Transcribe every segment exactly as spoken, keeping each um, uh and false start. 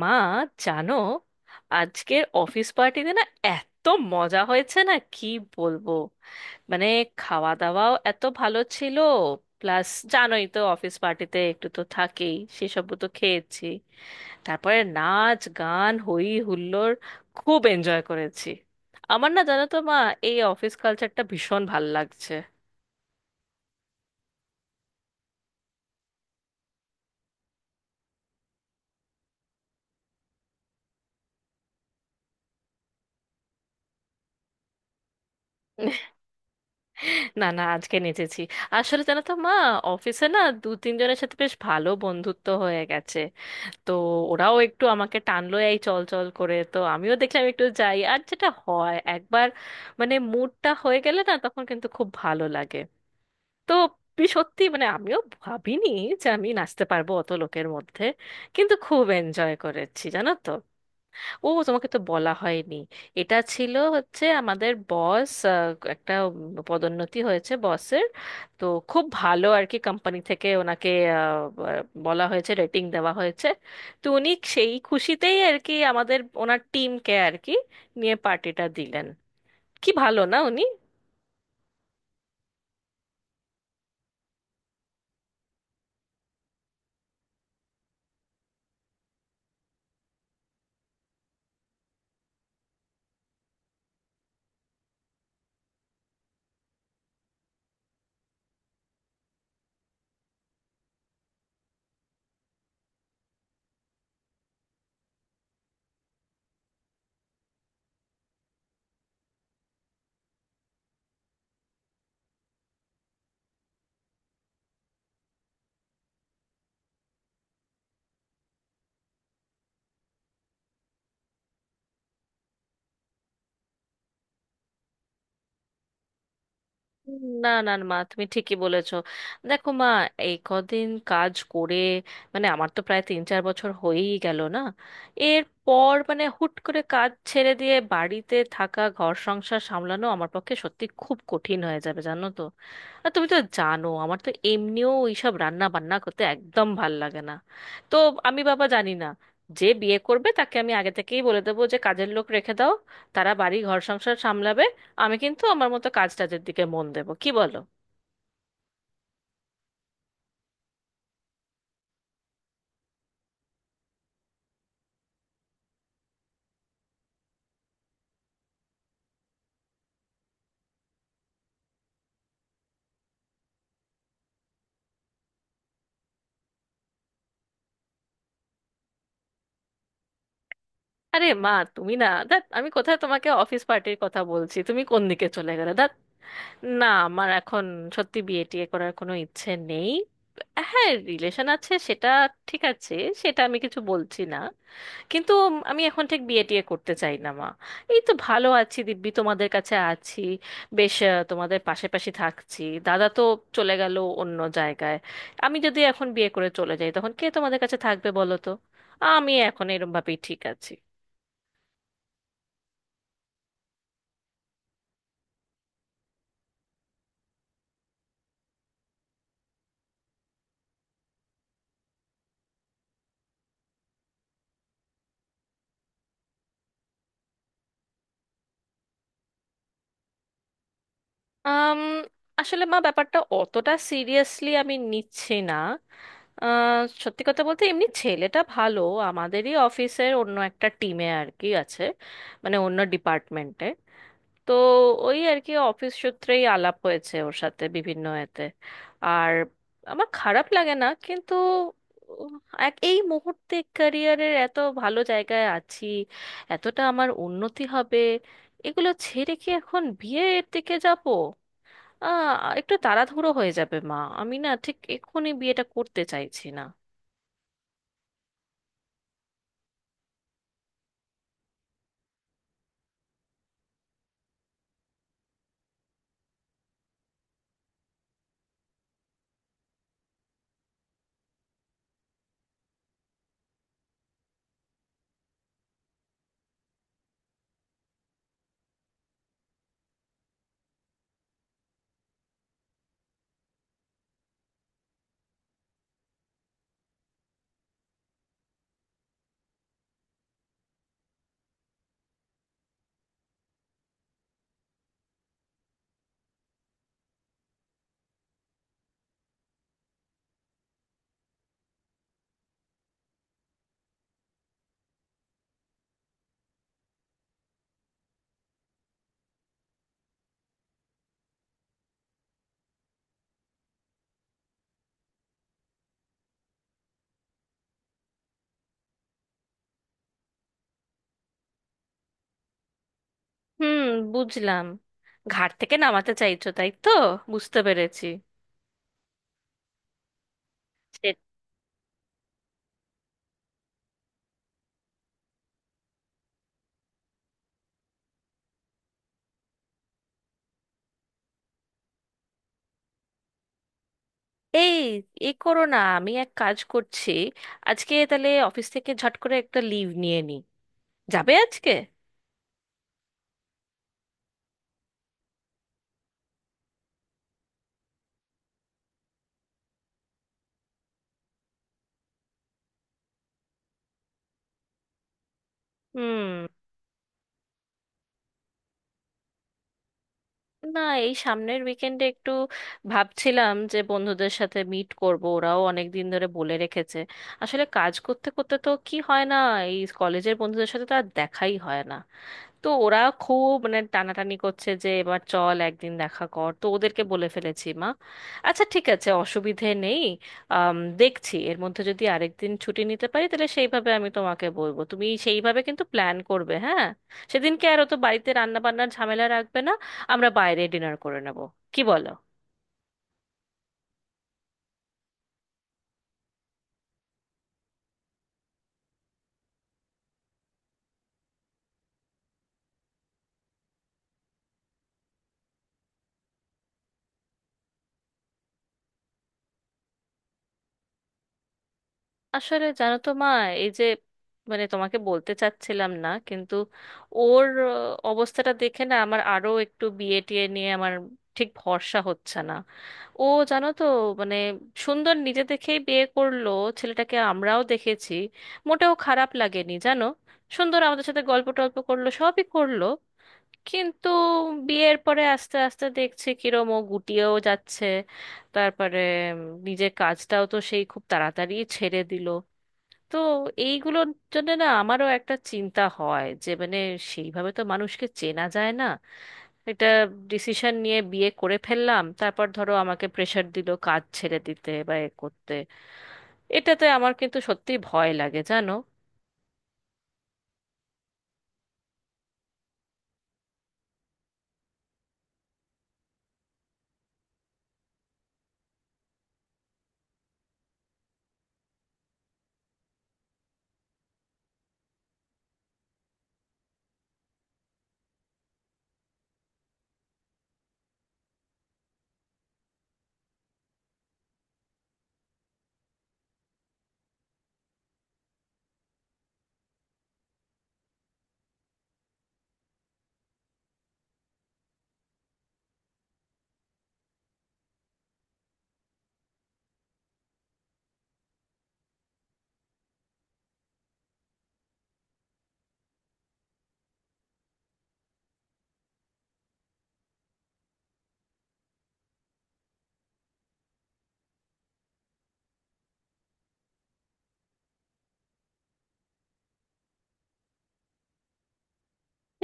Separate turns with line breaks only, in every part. মা, জানো আজকের অফিস পার্টিতে না এত মজা হয়েছে না কি বলবো। মানে খাওয়া দাওয়াও এত ভালো ছিল, প্লাস জানোই তো অফিস পার্টিতে একটু তো থাকেই, সেসব তো খেয়েছি। তারপরে নাচ গান হই হুল্লোড়, খুব এনজয় করেছি। আমার না জানো তো মা, এই অফিস কালচারটা ভীষণ ভাল লাগছে। না না, আজকে নেচেছি। আসলে জানো তো মা, অফিসে না দু তিনজনের সাথে বেশ ভালো বন্ধুত্ব হয়ে গেছে। তো ওরাও একটু আমাকে টানলো এই চল চল করে, তো আমিও দেখলাম একটু যাই। আর যেটা হয়, একবার মানে মুডটা হয়ে গেলে না, তখন কিন্তু খুব ভালো লাগে। তো বি- সত্যি মানে আমিও ভাবিনি যে আমি নাচতে পারবো অত লোকের মধ্যে। কিন্তু খুব এনজয় করেছি জানো তো। ও, তোমাকে তো বলা হয়নি, এটা ছিল হচ্ছে আমাদের বস, একটা উম, পদোন্নতি হয়েছে বসের। তো খুব ভালো আর কি, কোম্পানি থেকে ওনাকে আহ, ব- বলা হয়েছে, রেটিং দেওয়া হয়েছে। তো উনি সেই খুশিতেই আর কি আমাদের ওনার টিমকে আর কি নিয়ে পার্টিটা দিলেন। কি ভালো না উনি? না না না, মা তুমি ঠিকই বলেছো। দেখো মা, এই কদিন কাজ করে মানে আমার তো প্রায় তিন চার বছর হয়েই গেল না, এরপর মানে হুট করে কাজ ছেড়ে দিয়ে বাড়িতে থাকা ঘর সংসার সামলানো আমার পক্ষে সত্যি খুব কঠিন হয়ে যাবে জানো তো। আর তুমি তো জানো আমার তো এমনিও এইসব রান্না বান্না করতে একদম ভাল লাগে না। তো আমি বাবা জানি না, যে বিয়ে করবে তাকে আমি আগে থেকেই বলে দেবো যে কাজের লোক রেখে দাও, তারা বাড়ি ঘর সংসার সামলাবে, আমি কিন্তু আমার মতো কাজ টাজের দিকে মন দেব, কি বলো? আরে মা তুমি না, দেখ আমি কোথায় তোমাকে অফিস পার্টির কথা বলছি, তুমি কোন দিকে চলে গেলে দেখ। না, আমার এখন সত্যি বিয়ে টিয়ে করার কোনো ইচ্ছে নেই। হ্যাঁ, রিলেশন আছে সেটা ঠিক আছে, সেটা আমি কিছু বলছি না, কিন্তু আমি এখন ঠিক বিয়ে টিয়ে করতে চাই না মা। এই তো ভালো আছি, দিব্যি তোমাদের কাছে আছি, বেশ আহ, তোমাদের পাশে পাশে থাকছি। দাদা তো চলে গেল অন্য জায়গায়, আমি যদি এখন বিয়ে করে চলে যাই তখন কে তোমাদের কাছে থাকবে বলো তো? আমি এখন এরম ভাবেই ঠিক আছি। আম, আসলে মা, ব্যাপারটা অতটা সিরিয়াসলি আমি নিচ্ছি না। আহ, সত্যি কথা বলতে এমনি ছেলেটা ভালো, আমাদেরই অফিসের অন্য একটা টিমে আর কি আছে, মানে অন্য ডিপার্টমেন্টে। তো ওই আর কি অফিস সূত্রেই আলাপ হয়েছে ওর সাথে বিভিন্ন এতে। আর আমার খারাপ লাগে না কিন্তু উম, এক এই মুহূর্তে ক্যারিয়ারের এত ভালো জায়গায় আছি, এতটা আমার উন্নতি হবে, এগুলো ছেড়ে কি এখন বিয়ের দিকে যাব? আহ একটু তাড়াহুড়ো হয়ে যাবে মা, আমি না ঠিক এক্ষুনি বিয়েটা করতে চাইছি না। হুম, বুঝলাম, ঘাট থেকে নামাতে চাইছো তাই তো? বুঝতে পেরেছি। এই, এ করো না, আমি এক কাজ করছি, আজকে তাহলে অফিস থেকে ঝট করে একটা লিভ নিয়ে নিই, যাবে আজকে? হুম। না, এই সামনের উইকেন্ডে একটু ভাবছিলাম যে বন্ধুদের সাথে মিট করব, ওরাও অনেক দিন ধরে বলে রেখেছে। আসলে কাজ করতে করতে তো কি হয় না, এই কলেজের বন্ধুদের সাথে তো আর দেখাই হয় না। তো ওরা খুব মানে টানাটানি করছে যে এবার চল একদিন দেখা কর, তো ওদেরকে বলে ফেলেছি মা। আচ্ছা ঠিক আছে, অসুবিধে নেই। আম, দেখছি এর মধ্যে যদি আরেকদিন ছুটি নিতে পারি, তাহলে সেইভাবে আমি তোমাকে বলবো, তুমি সেইভাবে কিন্তু প্ল্যান করবে হ্যাঁ। সেদিনকে আর অত বাড়িতে রান্না বান্নার ঝামেলা রাখবে না, আমরা বাইরে ডিনার করে নেব, কি বলো? আসলে জানো তো মা, এই যে মানে তোমাকে বলতে চাচ্ছিলাম না কিন্তু ওর আহ, অবস্থাটা দেখে না আমার আরো একটু বিয়ে টিয়ে নিয়ে আমার ঠিক ভরসা হচ্ছে না। ও জানো তো মানে সুন্দর নিজে দেখেই বিয়ে করলো, ছেলেটাকে আমরাও দেখেছি, মোটেও খারাপ লাগেনি জানো। সুন্দর আমাদের সাথে গল্প টল্প করলো, সবই করলো। কিন্তু বিয়ের পরে আস্তে আস্তে দেখছি কিরম ও গুটিয়েও যাচ্ছে। তারপরে উম, নিজের কাজটাও তো সেই খুব তাড়াতাড়ি ছেড়ে দিল। তো এইগুলোর জন্য না আমারও একটা চিন্তা হয় যে মানে সেইভাবে তো মানুষকে চেনা যায় না, একটা ডিসিশন নিয়ে বিয়ে করে ফেললাম, তারপর ধরো আমাকে প্রেশার দিল কাজ ছেড়ে দিতে বা এ করতে, এটাতে আমার কিন্তু সত্যি ভয় লাগে জানো।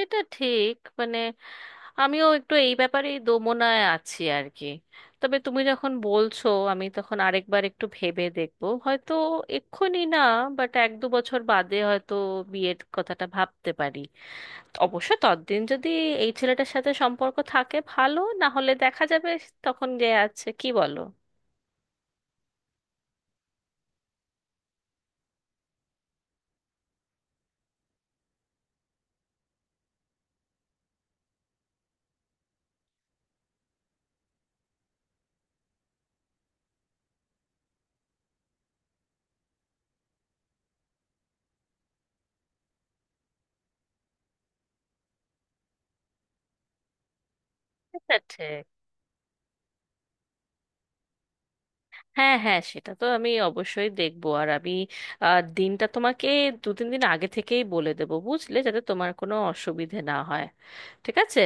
এটা ঠিক মানে আমিও একটু এই ব্যাপারেই দোমনায় আছি আর কি। তবে তুমি যখন বলছো আমি তখন আরেকবার একটু ভেবে দেখবো, হয়তো এক্ষুনি না, বাট এক দু বছর বাদে হয়তো বিয়ের কথাটা ভাবতে পারি। অবশ্য ততদিন যদি এই ছেলেটার সাথে সম্পর্ক থাকে, ভালো না হলে দেখা যাবে তখন যে আছে, কি বলো? সেটা ঠিক। হ্যাঁ হ্যাঁ, সেটা তো আমি অবশ্যই দেখবো। আর আমি আহ, দিনটা তোমাকে দু তিন দিন আগে থেকেই বলে দেবো বুঝলে, যাতে তোমার কোনো অসুবিধে না হয়। ঠিক আছে।